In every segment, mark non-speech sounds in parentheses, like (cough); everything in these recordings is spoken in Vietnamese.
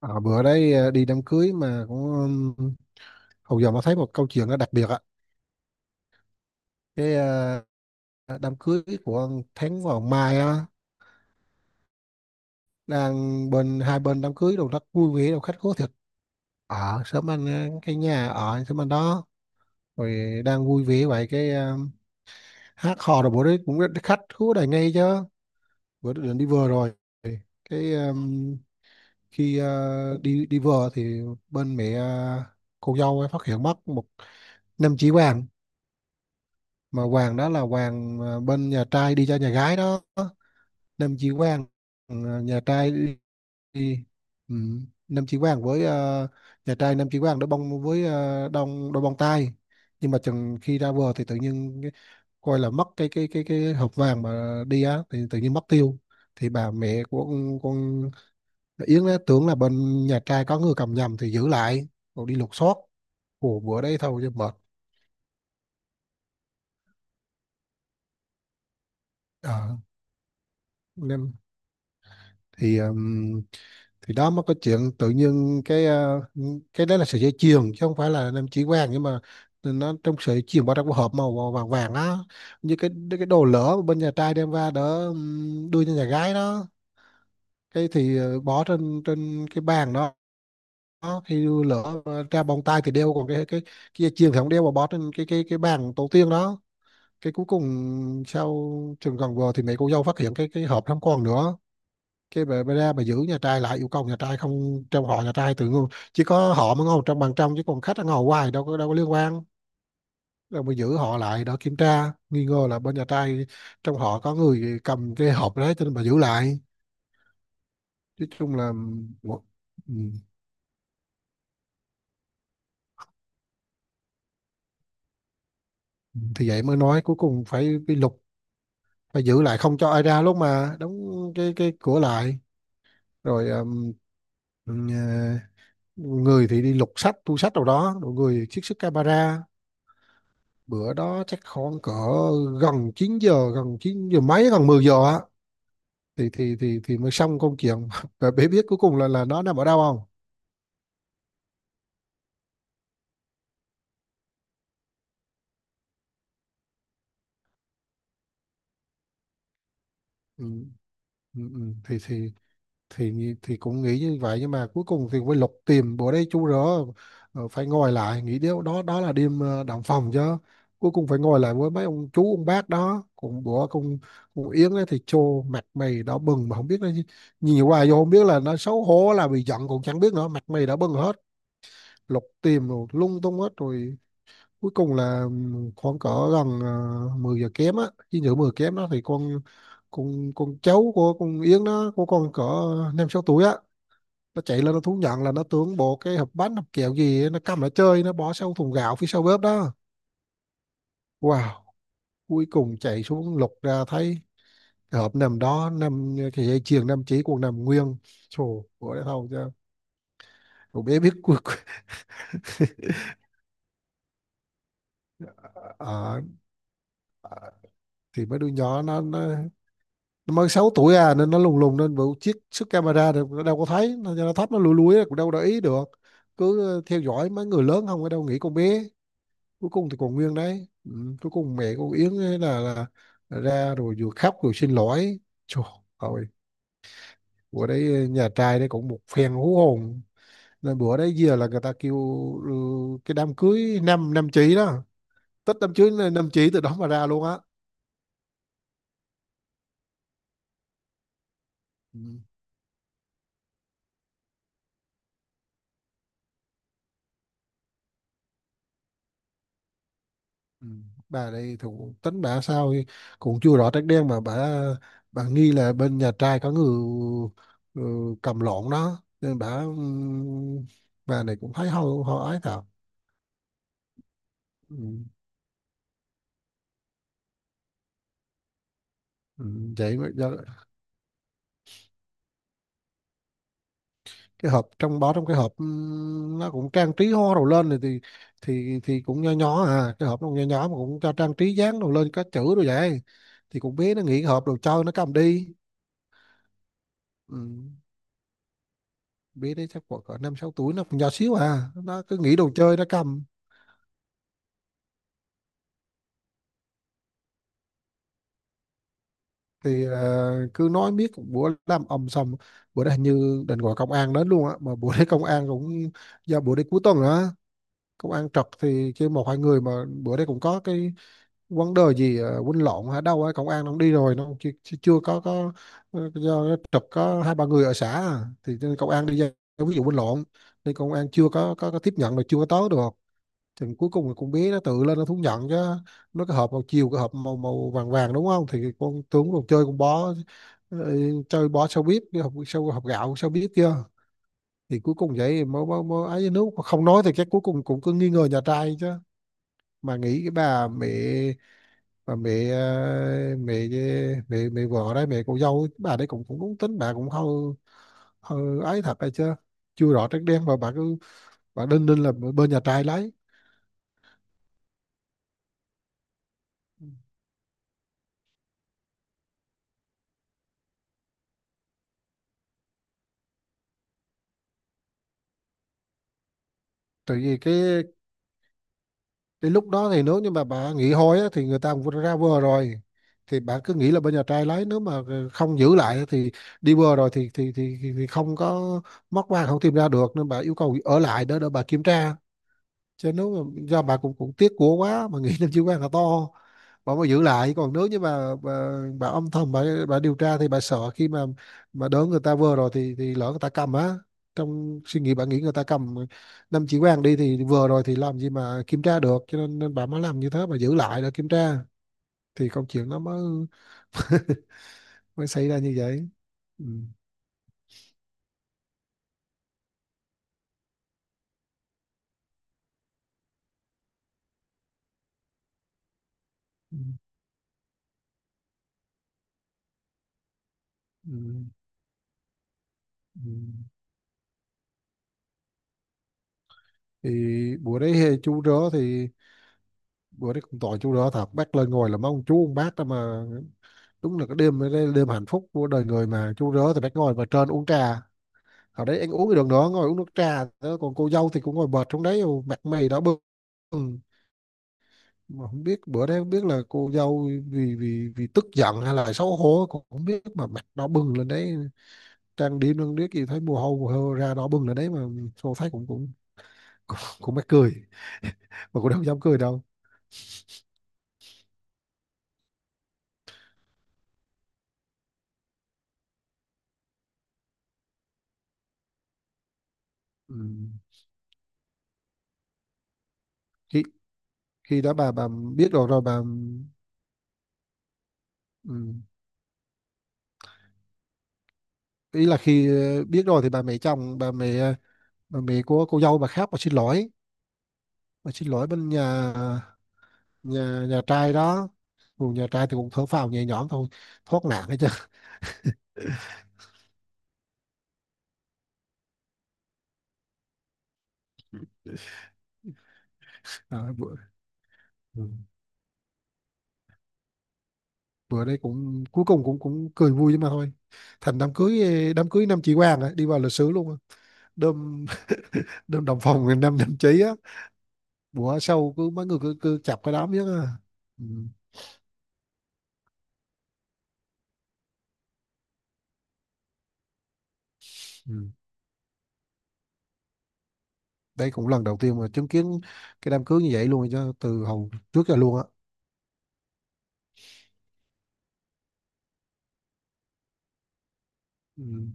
À, bữa đấy đi đám cưới mà cũng ừm, hầu giờ mới thấy một câu chuyện nó đặc biệt ạ. Cái đám cưới của ông Thắng vào mai á, đang bên hai bên đám cưới đồ rất vui vẻ đồ khách khứa thiệt. Ở sớm anh, cái nhà ở sớm anh đó. Rồi đang vui vẻ vậy cái hát hò rồi bữa đấy cũng khách khứa đầy ngay chứ. Bữa đó định đi vừa rồi cái khi đi đi vừa thì bên mẹ cô dâu ấy phát hiện mất một 5 chỉ vàng. Mà hoàng đó là hoàng bên nhà trai đi cho nhà gái đó, nam chi quang. Ừ, nhà trai đi. Ừ. Nam chi quang với nhà trai nam chi quang đối bông với đông đôi bông tai, nhưng mà chừng khi ra bờ thì tự nhiên coi là mất cái hộp vàng mà đi á thì tự nhiên mất tiêu. Thì bà mẹ của con Yến á, tưởng là bên nhà trai có người cầm nhầm thì giữ lại rồi đi lục soát của bữa đấy thôi cho mệt. Ờ, nên thì ừm, thì đó mới có chuyện tự nhiên cái cái đấy là sợi dây chuyền chứ không phải là nam chỉ vàng, nhưng mà nó trong sợi chuyền bao trong cái hộp màu vàng vàng á, như cái đồ lỡ bên nhà trai đem ra đỡ đưa cho nhà gái đó. Cái thì bỏ trên trên cái bàn đó. Đó, khi lỡ ra bông tai thì đeo, còn cái dây chuyền thì không đeo mà bỏ trên cái bàn tổ tiên đó. Cái cuối cùng sau chừng gần vừa thì mẹ cô dâu phát hiện cái hộp không còn nữa. Cái bà ra bà giữ nhà trai lại, yêu cầu nhà trai không, trong họ nhà trai tự ngôn chỉ có họ mới ngồi trong bàn trong chứ còn khách nó ngồi hoài đâu có liên quan. Rồi mà giữ họ lại đó kiểm tra, nghi ngờ là bên nhà trai trong họ có người cầm cái hộp đấy cho nên bà giữ lại. Nói chung là, ừ, thì vậy mới nói cuối cùng phải bị lục, phải giữ lại không cho ai ra lúc mà đóng cái cửa lại rồi. Ừ, người thì đi lục sách, thu sách đâu đó, rồi người trích xuất camera. Bữa đó chắc khoảng cỡ gần 9 giờ, gần 9 giờ mấy, gần 10 giờ á, thì mới xong công chuyện. (laughs) Và bé biết cuối cùng là nó nằm ở đâu không? Ừ. Ừ. Ừ. thì thì cũng nghĩ như vậy nhưng mà cuối cùng thì mới lục tìm bữa đây chú rỡ phải ngồi lại nghĩ điều đó, đó là đêm động phòng chứ. Cuối cùng phải ngồi lại với mấy ông chú ông bác đó cũng bữa cùng cùng Yến ấy thì trô mặt mày đỏ bừng mà không biết nó nhìn hoài vô không biết là nó xấu hổ là bị giận cũng chẳng biết nữa, mặt mày đỏ bừng hết. Lục tìm rồi lung tung hết rồi, cuối cùng là khoảng cỡ gần 10 giờ kém á, chín giờ 10 kém đó, thì con cháu của con Yến nó của con cỡ 5-6 tuổi á, nó chạy lên nó thú nhận là nó tưởng bộ cái hộp bánh hộp kẹo gì ấy, nó cầm lại chơi nó bỏ sau thùng gạo phía sau bếp đó. Wow, cuối cùng chạy xuống lục ra thấy cái hộp nằm đó, nằm cái dây chuyền nằm chỉ còn nằm nguyên. Trời ơi thôi chứ, cậu bé biết. (laughs) Cuộc. À, à, (laughs) thì mấy đứa nhỏ nó nó mới 6 tuổi à nên nó lùng lùng nên bộ chiếc sức camera thì nó đâu có thấy, nó thấp nó lùi lúi cũng đâu để ý được, cứ theo dõi mấy người lớn không ở đâu nghĩ con bé. Cuối cùng thì còn nguyên đấy. Ừ, cuối cùng mẹ cô Yến ấy là ra rồi vừa khóc rồi xin lỗi. Trời ơi, bữa đấy nhà trai đấy cũng một phen hú hồn, nên bữa đấy giờ là người ta kêu, ừ, cái đám cưới năm năm chỉ đó, tết đám cưới năm chỉ từ đó mà ra luôn á. Ừ. Ừ, bà đây thủ tính bà sao thì cũng chưa rõ trách đen mà bà nghi là bên nhà trai có người ừ, cầm lộn đó nên bà, bà này cũng thấy hôi hôi ái thật. Ừ. Ừ. Vậy mà cái hộp trong bó trong cái hộp, nó cũng trang trí hoa đồ lên rồi thì cũng nho nhỏ à, cái hộp nó cũng nho nhỏ mà cũng cho trang trí dán đồ lên có chữ đồ vậy, thì cũng biết nó nghĩ hộp đồ chơi nó cầm đi. Ừ, biết đấy chắc khoảng cỡ năm sáu tuổi, nó còn nhỏ xíu à, nó cứ nghĩ đồ chơi nó cầm. Thì cứ nói biết bữa làm ầm sầm. Bữa đó hình như định gọi công an đến luôn á, mà bữa đấy công an cũng do bữa đấy cuối tuần á, công an trật thì kêu 1-2 người mà. Bữa đấy cũng có cái vấn đề gì quýnh lộn ở đâu á công an nó cũng đi rồi nó chưa, chưa chưa có. Do nó trật có 2-3 người ở xã à, thì cho nên công an đi ra ví dụ quýnh lộn thì công an chưa có tiếp nhận là chưa có tới được. Thì cuối cùng thì con bé nó tự lên nó thú nhận chứ. Nó cái hộp màu chiều cái hộp màu màu vàng vàng đúng không thì con tướng còn chơi con bó, ờ, chơi bó sao biết cái hộp sao hộp gạo sao biết chưa. Thì cuối cùng vậy thì mới mới mới ấy với nước. Mà không nói thì chắc cuối cùng cũng cứ nghi ngờ nhà trai chứ. Mà nghĩ cái bà mẹ, bà mẹ ờ, mẹ mẹ vợ đấy, mẹ cô dâu ấy, bà đấy cũng cũng đúng tính bà cũng hơi hơi ấy thật hay chưa, chưa rõ trắng đen mà bà cứ đinh ninh là bên nhà trai lấy, tại vì cái. Đến lúc đó thì nếu như mà bà nghỉ hôi á, thì người ta cũng ra bờ rồi, thì bà cứ nghĩ là bên nhà trai lấy, nếu mà không giữ lại thì đi bờ rồi thì không có móc vàng không tìm ra được nên bà yêu cầu ở lại đó để bà kiểm tra. Chứ nếu mà do bà cũng cũng tiếc của quá mà nghĩ nam Chí Quang (laughs) là to, bà mới giữ lại. Còn nếu như bà âm thầm bà điều tra thì bà sợ khi mà đỡ người ta vừa rồi thì lỡ người ta cầm á, trong suy nghĩ bà nghĩ người ta cầm năm chỉ Quang đi thì vừa rồi thì làm gì mà kiểm tra được, cho nên bà mới làm như thế bà giữ lại để kiểm tra. Thì câu chuyện nó mới (laughs) mới xảy ra như vậy. Ừ. Ừ. Ừ. Ừ. Thì bữa đấy chú rớ thì bữa đấy cũng tội chú rớ thật, bác lên ngồi là mấy ông chú ông bác đó mà. Đúng là cái đêm đấy là đêm hạnh phúc của đời người mà chú rớ thì phải ngồi vào trên uống trà ở đấy ăn uống cái đường đó ngồi uống nước trà đó. Còn cô dâu thì cũng ngồi bệt xuống đấy mặt mày đỏ bừng. Ừ, mà không biết bữa đấy không biết là cô dâu vì vì vì tức giận hay là xấu hổ cũng không biết mà mặt đỏ bừng lên đấy, trang điểm lên biết gì thấy mồ hôi ra đỏ bừng lên đấy mà tôi thấy cũng mắc cười. (laughs) Mà cũng đâu dám cười đâu. Ừ, khi khi đó bà biết rồi rồi bà. Ừ, ý là khi biết rồi thì bà mẹ chồng, bà mẹ của cô dâu bà khác bà xin lỗi, bà xin lỗi bên nhà nhà nhà trai đó. Còn nhà trai thì cũng thở phào nhẹ nhõm thôi, thoát nạn hết trơn. À, (laughs) ừ, bữa đấy cũng cuối cùng cũng cũng cười vui mà thôi, thành đám cưới đám cưới năm chị Quang á, đi vào lịch sử luôn á. đơm (laughs) đơm đồng phòng người năm năm đồng chí á. Bữa sau cứ mấy người cứ chập cái đám nhất á. Ừ. Ừ. Đây cũng lần đầu tiên mà chứng kiến cái đám cưới như vậy luôn chứ từ hồi trước giờ luôn á. Ừ.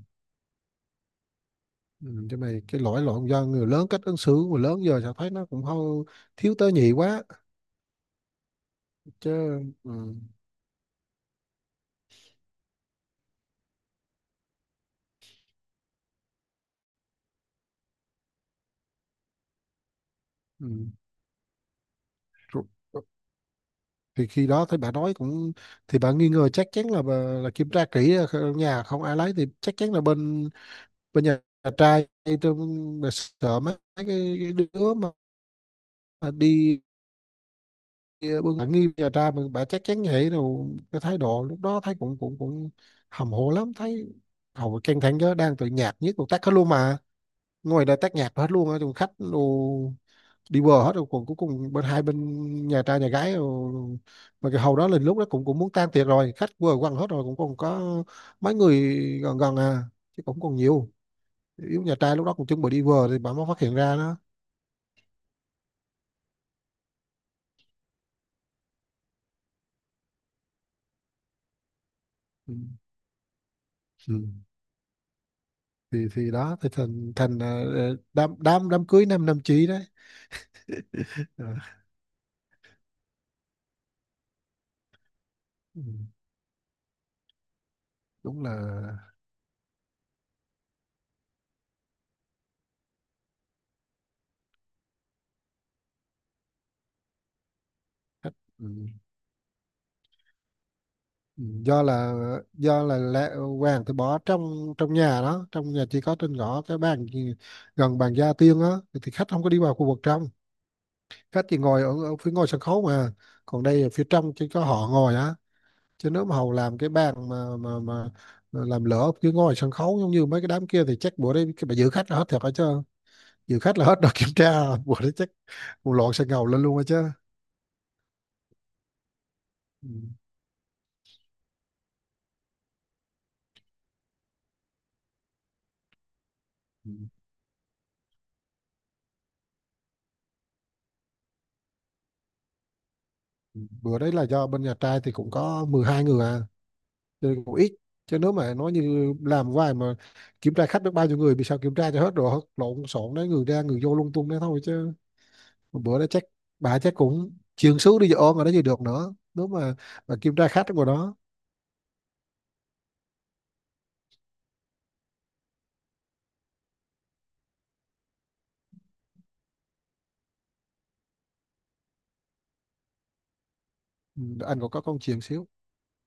Ừ, chứ mày cái lỗi lộn do người lớn, cách ứng xử của người lớn giờ tao thấy nó cũng hơi thiếu tế nhị quá chứ. Ừ. Ừ. Rồi- thì khi đó thấy bà nói cũng, thì bà nghi ngờ chắc chắn là bà, là kiểm tra kỹ ở nhà không ai lấy thì chắc chắn là bên bên nhà trai, tôi bà sợ mấy cái đứa mà đi bưng bà nghi nhà trai mà bà chắc chắn vậy rồi, cái thái độ lúc đó thấy cũng cũng cũng hầm hồ lắm thấy, hầu căng thẳng chứ đang tự nhạt nhất một tắt hết luôn mà ngoài đây tách nhạc hết luôn á, tụi khách đồ đi bờ hết rồi còn cuối cùng bên hai bên nhà trai nhà gái rồi. Mà cái hầu đó lên lúc đó cũng cũng muốn tan tiệc rồi, khách vừa quăng hết rồi cũng còn có mấy người gần gần à, chứ cũng còn nhiều yếu nhà trai lúc đó cũng chuẩn bị đi bờ thì bà mới phát hiện ra đó. Ừ. Ừ. Thì đó thì thành thành đám đám đám cưới năm năm chí đấy. Ờ. Ừ. Đúng là khách. Ừ, do là do là lẹ, vàng thì bỏ trong trong nhà đó, trong nhà chỉ có trên ngõ gần bàn gia tiên á, thì khách không có đi vào khu vực trong, khách chỉ ngồi ở phía ngoài sân khấu mà. Còn đây ở phía trong chỉ có họ ngồi á. Chứ nếu mà hầu làm cái bàn mà làm lỡ ở phía ngoài sân khấu giống như mấy cái đám kia thì chắc bữa đấy cái bà giữ khách là hết thiệt hết chứ, giữ khách là hết đợt kiểm tra. (laughs) Bữa đấy chắc một lộn sẽ ngầu lên luôn hết chứ. Ừ. Ừ. Bữa đấy là do bên nhà trai thì cũng có 12 người à, chơi cũng ít. Chứ nếu mà nói như làm hoài mà kiểm tra khách được bao nhiêu người vì sao kiểm tra cho hết rồi lộn xộn đấy, người ra người vô lung tung đấy thôi chứ. Một bữa đó chắc bà chắc cũng chuyện xíu đi ôm mà nó gì được nữa, nếu mà kiểm tra khách ở ngoài đó. Ừ, anh còn có con chuyện xíu